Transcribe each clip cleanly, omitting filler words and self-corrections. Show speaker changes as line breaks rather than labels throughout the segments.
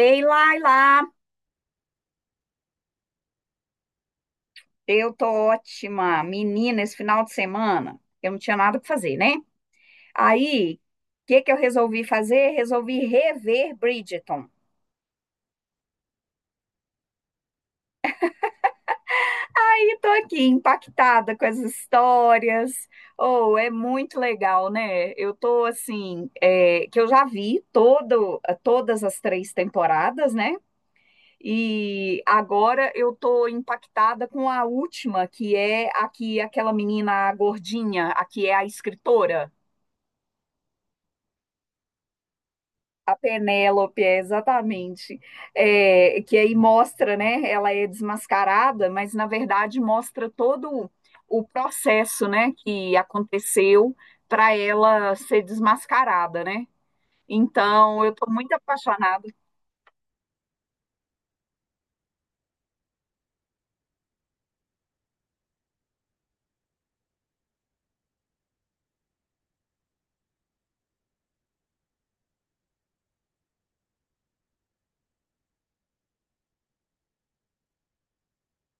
Ei, Laila, eu tô ótima. Menina, esse final de semana eu não tinha nada pra fazer, né? Aí, o que que eu resolvi fazer? Resolvi rever Bridgerton. E tô aqui impactada com as histórias. Oh, é muito legal, né? Eu tô assim, que eu já vi todas as três temporadas, né? E agora eu tô impactada com a última, que é aqui aquela menina gordinha, a que é a escritora. A Penélope, exatamente. Que aí mostra, né? Ela é desmascarada, mas na verdade mostra todo o processo, né? Que aconteceu para ela ser desmascarada, né? Então, eu estou muito apaixonada.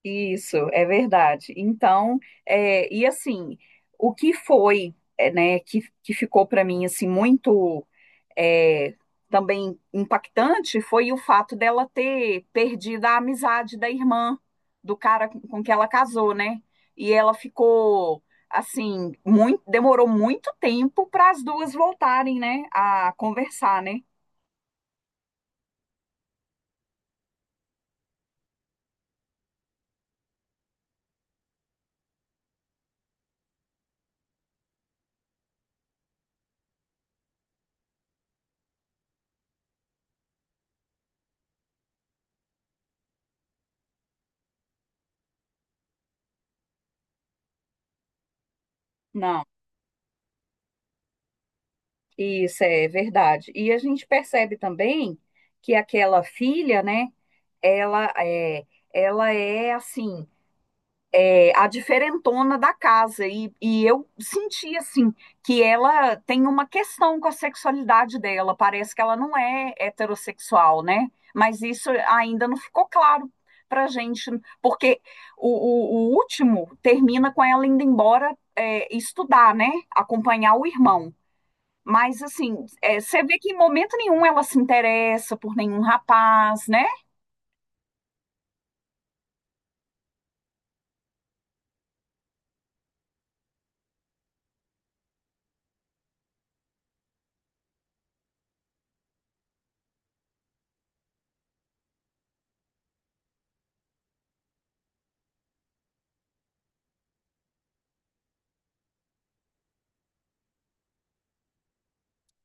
Isso, é verdade. Então, e assim, o que foi, né? Que ficou para mim assim muito é, também impactante foi o fato dela ter perdido a amizade da irmã do cara com que ela casou, né? E ela ficou assim, muito, demorou muito tempo para as duas voltarem, né, a conversar, né? Não, isso é verdade. E a gente percebe também que aquela filha, né, ela é, ela é assim, a diferentona da casa. E eu senti, assim, que ela tem uma questão com a sexualidade dela. Parece que ela não é heterossexual, né? Mas isso ainda não ficou claro pra gente, porque o, o último termina com ela indo embora estudar, né? Acompanhar o irmão. Mas, assim, você vê que em momento nenhum ela se interessa por nenhum rapaz, né?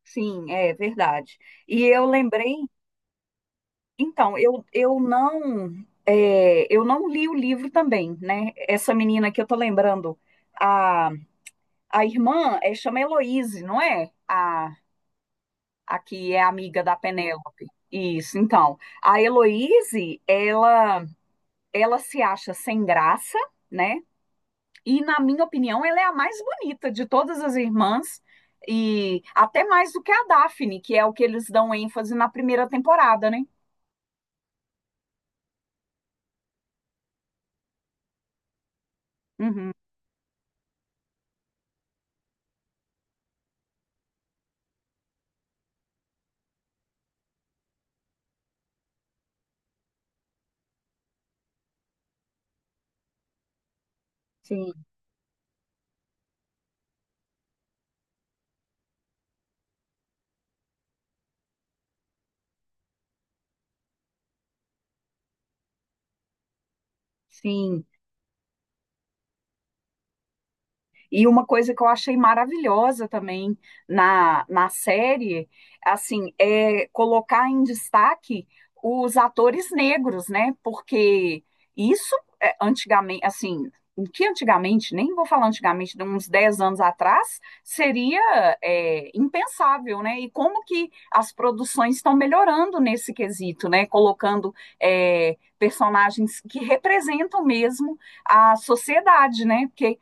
Sim, é verdade. E eu lembrei. Então, eu não li o livro também, né? Essa menina que eu tô lembrando, a, a irmã chama Heloíse, não é? A que é amiga da Penélope. Isso, então. A Heloíse, ela se acha sem graça, né? E, na minha opinião, ela é a mais bonita de todas as irmãs, e até mais do que a Daphne, que é o que eles dão ênfase na primeira temporada, né? Uhum, sim, sim. E uma coisa que eu achei maravilhosa também na série, assim, é colocar em destaque os atores negros, né? Porque isso antigamente, assim, o que antigamente, nem vou falar antigamente, de uns 10 anos atrás, seria impensável, né? E como que as produções estão melhorando nesse quesito, né? Colocando personagens que representam mesmo a sociedade, né? Porque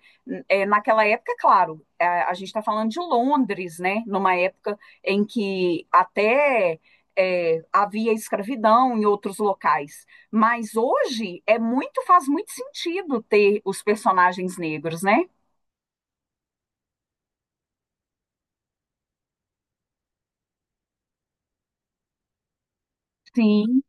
naquela época, claro, a gente está falando de Londres, né? Numa época em que até havia escravidão em outros locais. Mas hoje é muito, faz muito sentido ter os personagens negros, né? Sim.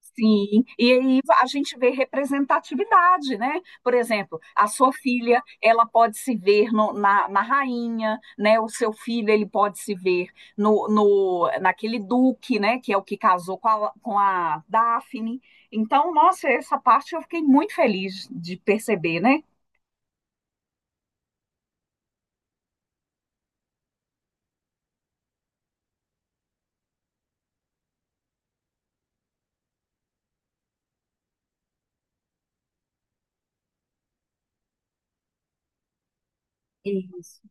Sim, e aí a gente vê representatividade, né? Por exemplo, a sua filha, ela pode se ver na rainha, né? O seu filho, ele pode se ver no, no naquele duque, né? Que é o que casou com a Daphne. Então, nossa, essa parte eu fiquei muito feliz de perceber, né? Isso,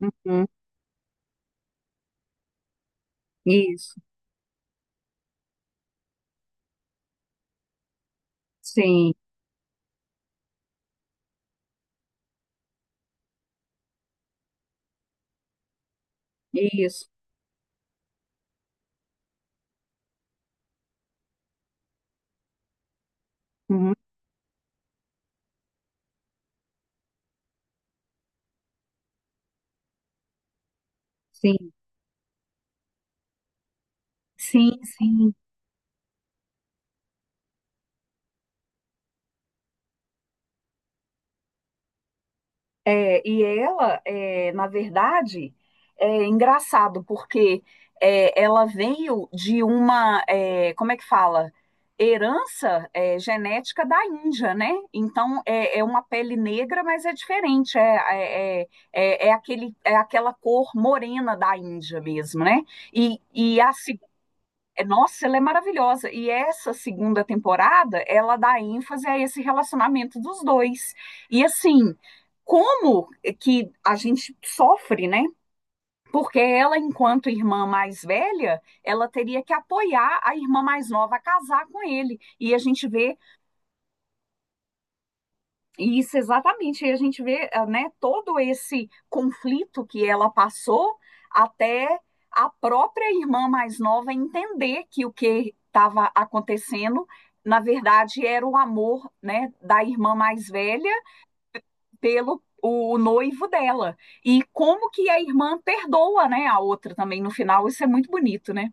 uhum, isso, sim, isso, uhum, sim, sim, sim. E ela, na verdade, é engraçado, porque ela veio de uma, como é que fala? Herança genética da Índia, né? Então é uma pele negra, mas é diferente, é aquela cor morena da Índia mesmo, né? E assim nossa, ela é maravilhosa. E essa segunda temporada, ela dá ênfase a esse relacionamento dos dois. E assim, como é que a gente sofre, né? Porque ela, enquanto irmã mais velha, ela teria que apoiar a irmã mais nova a casar com ele. E a gente vê. Isso, exatamente. E a gente vê, né, todo esse conflito que ela passou até a própria irmã mais nova entender que o que estava acontecendo, na verdade, era o amor, né, da irmã mais velha pelo o noivo dela. E como que a irmã perdoa, né, a outra também no final. Isso é muito bonito, né?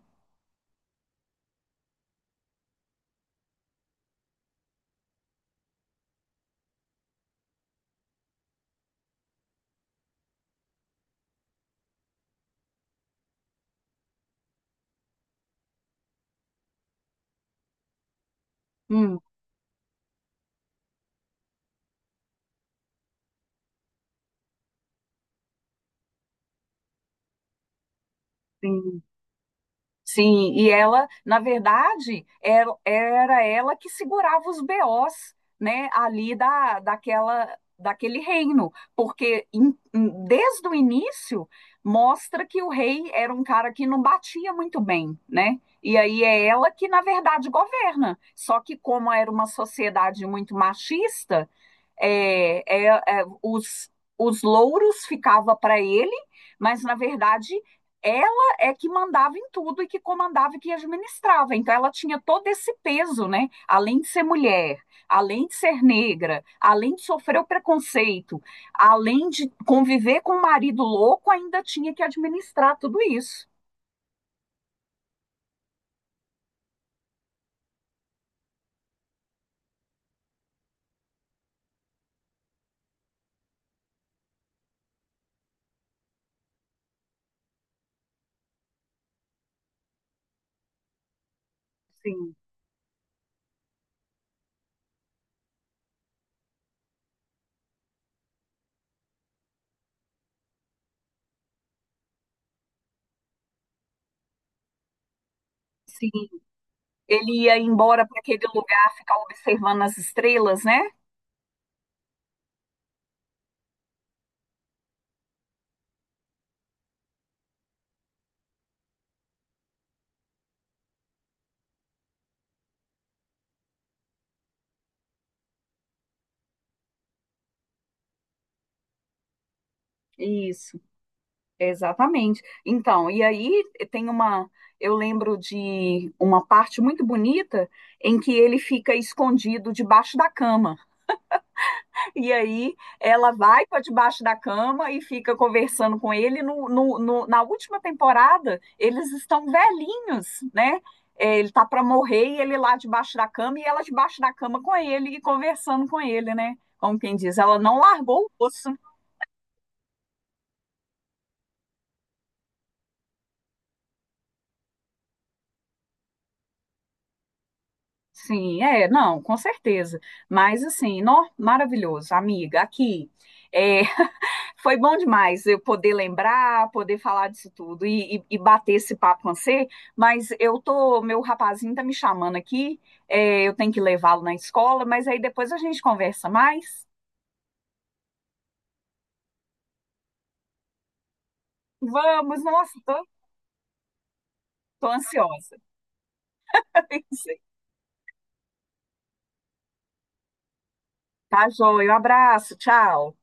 Hum, sim. Sim, e ela, na verdade, era ela que segurava os BOs, né, ali daquele reino, porque desde o início mostra que o rei era um cara que não batia muito bem, né? E aí é ela que, na verdade, governa. Só que como era uma sociedade muito machista, é, é, é, os, os louros ficava para ele, mas na verdade ela é que mandava em tudo e que comandava e que administrava. Então ela tinha todo esse peso, né? Além de ser mulher, além de ser negra, além de sofrer o preconceito, além de conviver com um marido louco, ainda tinha que administrar tudo isso. Sim, sim. Ele ia embora para aquele lugar ficar observando as estrelas, né? Isso. Exatamente. Então, e aí tem uma. Eu lembro de uma parte muito bonita em que ele fica escondido debaixo da cama. E aí ela vai para debaixo da cama e fica conversando com ele. Na última temporada, eles estão velhinhos, né? Ele tá para morrer e ele lá debaixo da cama e ela debaixo da cama com ele e conversando com ele, né? Como quem diz, ela não largou o osso. Sim, não, com certeza. Mas assim, nó, maravilhoso, amiga, aqui. É, foi bom demais eu poder lembrar, poder falar disso tudo e bater esse papo com você, mas eu tô, meu rapazinho tá me chamando aqui, eu tenho que levá-lo na escola, mas aí depois a gente conversa mais. Vamos, nossa, tô ansiosa. Tá joia, um abraço, tchau.